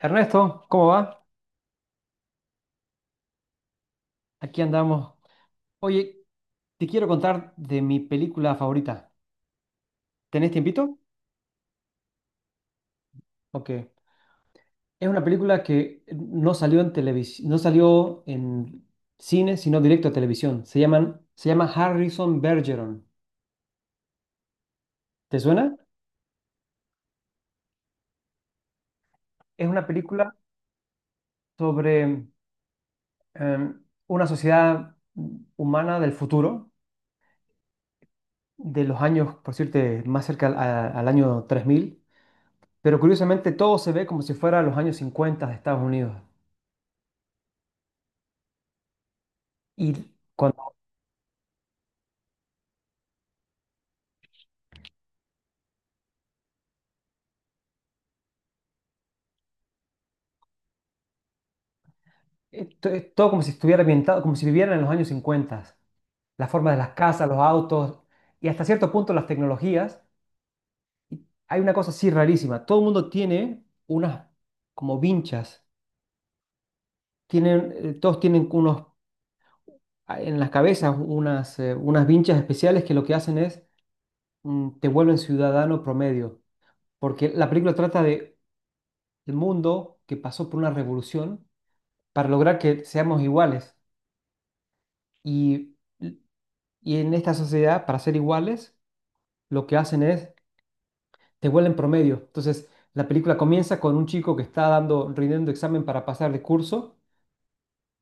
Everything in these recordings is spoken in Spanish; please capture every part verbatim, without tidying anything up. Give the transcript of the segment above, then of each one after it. Ernesto, ¿cómo va? Aquí andamos. Oye, te quiero contar de mi película favorita. ¿Tenés tiempito? Ok. Es una película que no salió en televisión, no salió en cine, sino directo a televisión. Se llaman, se llama Harrison Bergeron. ¿Te suena? Es una película sobre em, una sociedad humana del futuro, de los años, por decirte, más cerca al, a- al año tres mil. Pero curiosamente todo se ve como si fuera los años cincuenta de Estados Unidos. Y cuando, eh, to- es todo como si estuviera ambientado, como si vivieran en los años cincuenta, la forma de las casas, los autos y hasta cierto punto las tecnologías. Y hay una cosa así rarísima, todo el mundo tiene unas como vinchas, tienen, eh, todos tienen unos, ah, en las cabezas unas, eh, unas vinchas especiales que lo que hacen es mm, te vuelven ciudadano promedio, porque la película trata de el mundo que pasó por una revolución para lograr que seamos iguales. Y Y en esta sociedad, para ser iguales, lo que hacen es te vuelven promedio. Entonces, la película comienza con un chico que está dando, rindiendo examen para pasar de curso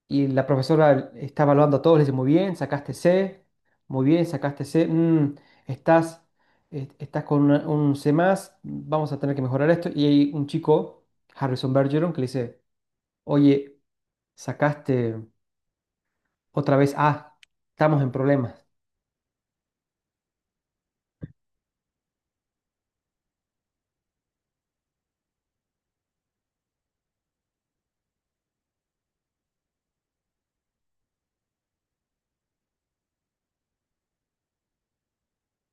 y la profesora está evaluando a todos, le dice, muy bien, sacaste C, muy bien, sacaste C, mm, estás, eh, estás con una- un C más, vamos a tener que mejorar esto. Y hay un chico, Harrison Bergeron, que le dice, oye, sacaste otra vez A, estamos en problemas.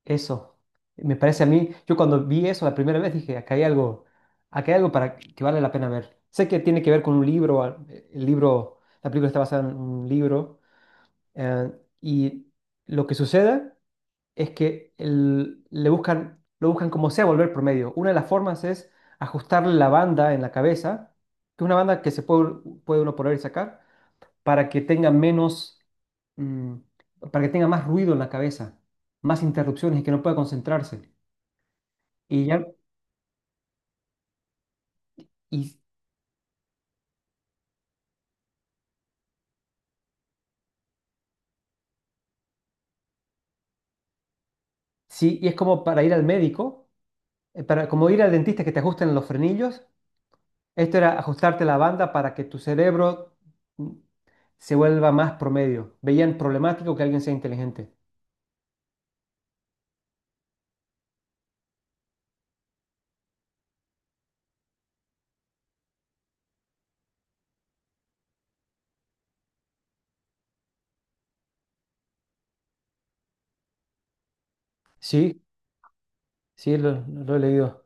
Eso, me parece a mí, yo cuando vi eso la primera vez dije, acá hay algo, acá hay algo para que vale la pena ver. Sé que tiene que ver con un libro, a- el libro, la película está basada en un libro, eh, y lo que sucede es que el- le buscan, lo buscan como sea volver promedio. Una de las formas es ajustarle la banda en la cabeza, que es una banda que se puede, puede uno poner y sacar, para que tenga menos, mm, para que tenga más ruido en la cabeza, más interrupciones y que no pueda concentrarse. Y ya, y sí, y es como para ir al médico, eh, para como ir al dentista que te ajusten los frenillos. Esto era ajustarte la banda para que tu cerebro mm, se vuelva más promedio. Veían problemático que alguien sea inteligente. Sí, sí, lo, lo he leído.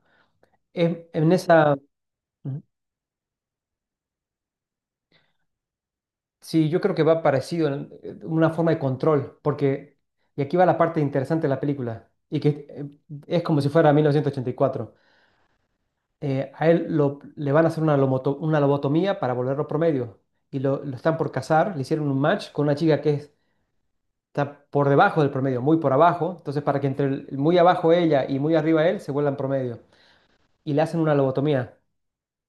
En, en esa, ujú. Sí, yo creo que va parecido, en- eh, una forma de control, porque, y aquí va la parte interesante de la película, y que eh, es como si fuera mil novecientos ochenta y cuatro. eh, a él lo- le van a hacer una, lomoto- una lobotomía para volverlo promedio. Y lo, lo están por casar, le hicieron un match con una chica que es- está por debajo del promedio, muy por abajo. Entonces, para que entre el- muy abajo ella y muy arriba él se vuelvan promedio. Y le hacen una lobotomía.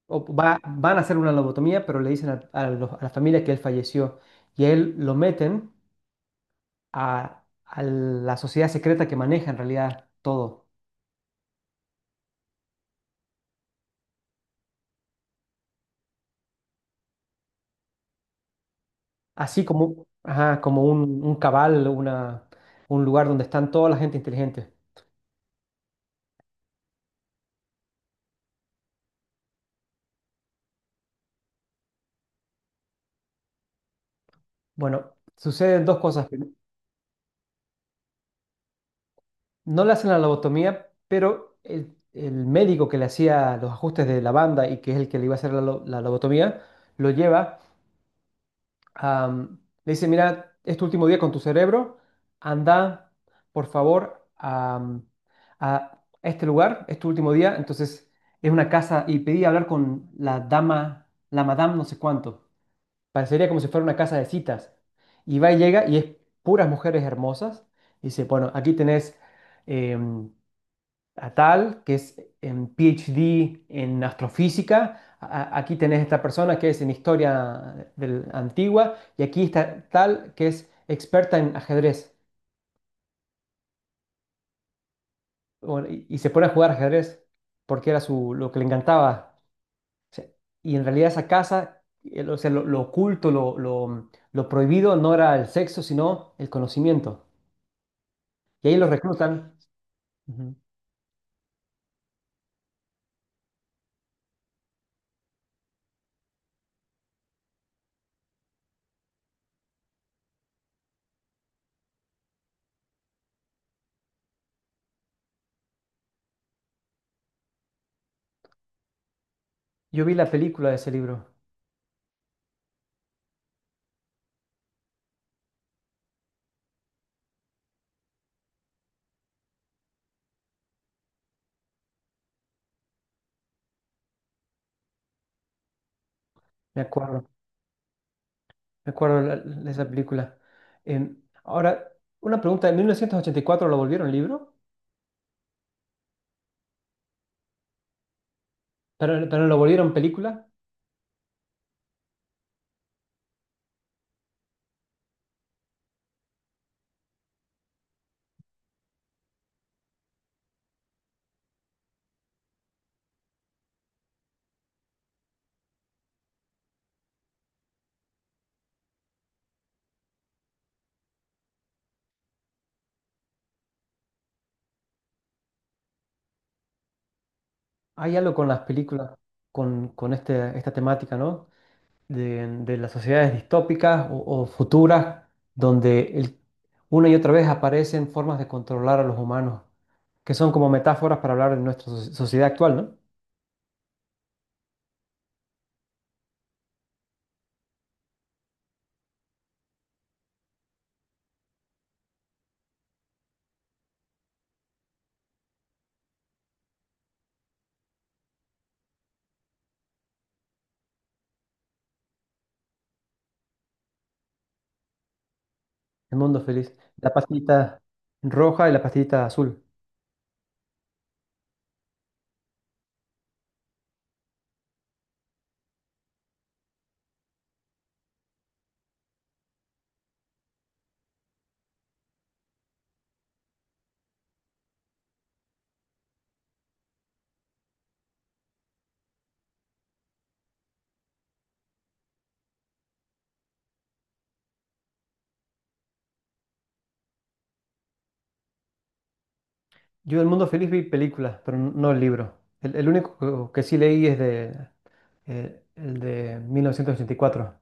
O va- Van a hacer una lobotomía, pero le dicen a, a los- a la familia que él falleció. Y a él lo meten a, a la sociedad secreta que maneja en realidad todo. Así como, ajá, como un, un cabal, una un lugar donde están toda la gente inteligente. Bueno, suceden dos cosas. No le hacen la lobotomía, pero el, el médico que le hacía los ajustes de la banda y que es el que le iba a hacer la, lo- la lobotomía, lo lleva, a, mm, le dice, mira, es tu último día con tu cerebro, anda, por favor, a, mm, a este lugar, es tu último día, entonces es una casa y pedí hablar con la dama, la madame no sé cuánto. Parecería como si fuera una casa de citas. Y va y llega y es puras mujeres hermosas. Y dice, bueno, aquí tenés em, a tal, que es en PhD en astrofísica. A- aquí tenés esta persona que es en historia del- antigua. Y aquí está tal, que es experta en ajedrez. Bueno, y, y se pone a jugar ajedrez porque era su, lo que le encantaba. O sea, y en realidad esa casa, el- o sea, lo, lo oculto, lo lo- lo prohibido no era el sexo, sino el conocimiento. Y ahí los reclutan. Ujú. Yo vi la película de ese libro, me acuerdo, me acuerdo la- de esa película. Em, ahora, una pregunta, ¿en mil novecientos ochenta y cuatro lo volvieron libro? ¿Pero, pero lo volvieron película? Hay algo con las películas, con, con este, esta temática, ¿no? De, de las sociedades distópicas o, o futuras, donde el- una y otra vez aparecen formas de controlar a los humanos, que son como metáforas para hablar de nuestra so- sociedad actual, ¿no? El mundo feliz. La pastillita roja y la pastillita azul. Yo del mundo feliz vi películas, pero no el libro. El, el único que que sí leí es de, eh, el de mil novecientos ochenta y cuatro.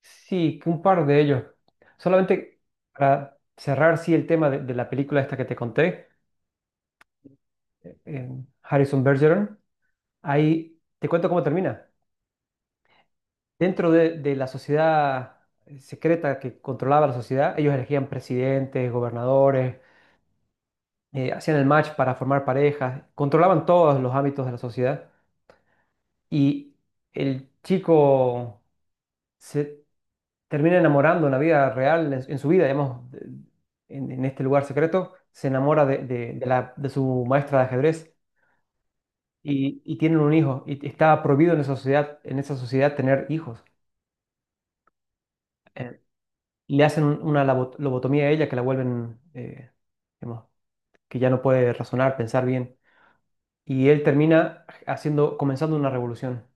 Sí, que un par de ellos. Solamente para cerrar, sí, el tema de, de la película esta que te conté, eh, em, Harrison Bergeron, ahí te cuento cómo termina. Dentro de, de la sociedad eh, secreta que controlaba la sociedad, ellos elegían presidentes, gobernadores, eh, hacían el match para formar parejas, controlaban todos los ámbitos de la sociedad y el chico se termina enamorando en la vida real, en, en su vida, digamos, de- en, en este lugar secreto, se enamora de, de- de la, de su maestra de ajedrez y, y tienen un hijo y está prohibido en esa sociedad, en esa sociedad tener hijos. Eh, le hacen un- una labo- lobotomía a ella que la vuelven, eh, digamos, que ya no puede razonar, pensar bien. Y él termina haciendo, comenzando una revolución.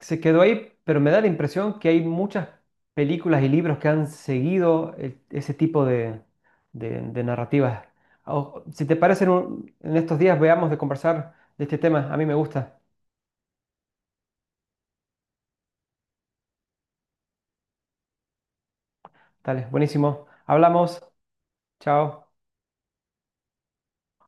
Se quedó ahí, pero me da la impresión que hay muchas películas y libros que han seguido el- ese tipo de, de- de narrativas. O- si te parece, en, un- en estos días veamos de conversar de este tema. A mí me gusta. Dale, buenísimo. Hablamos. Chao.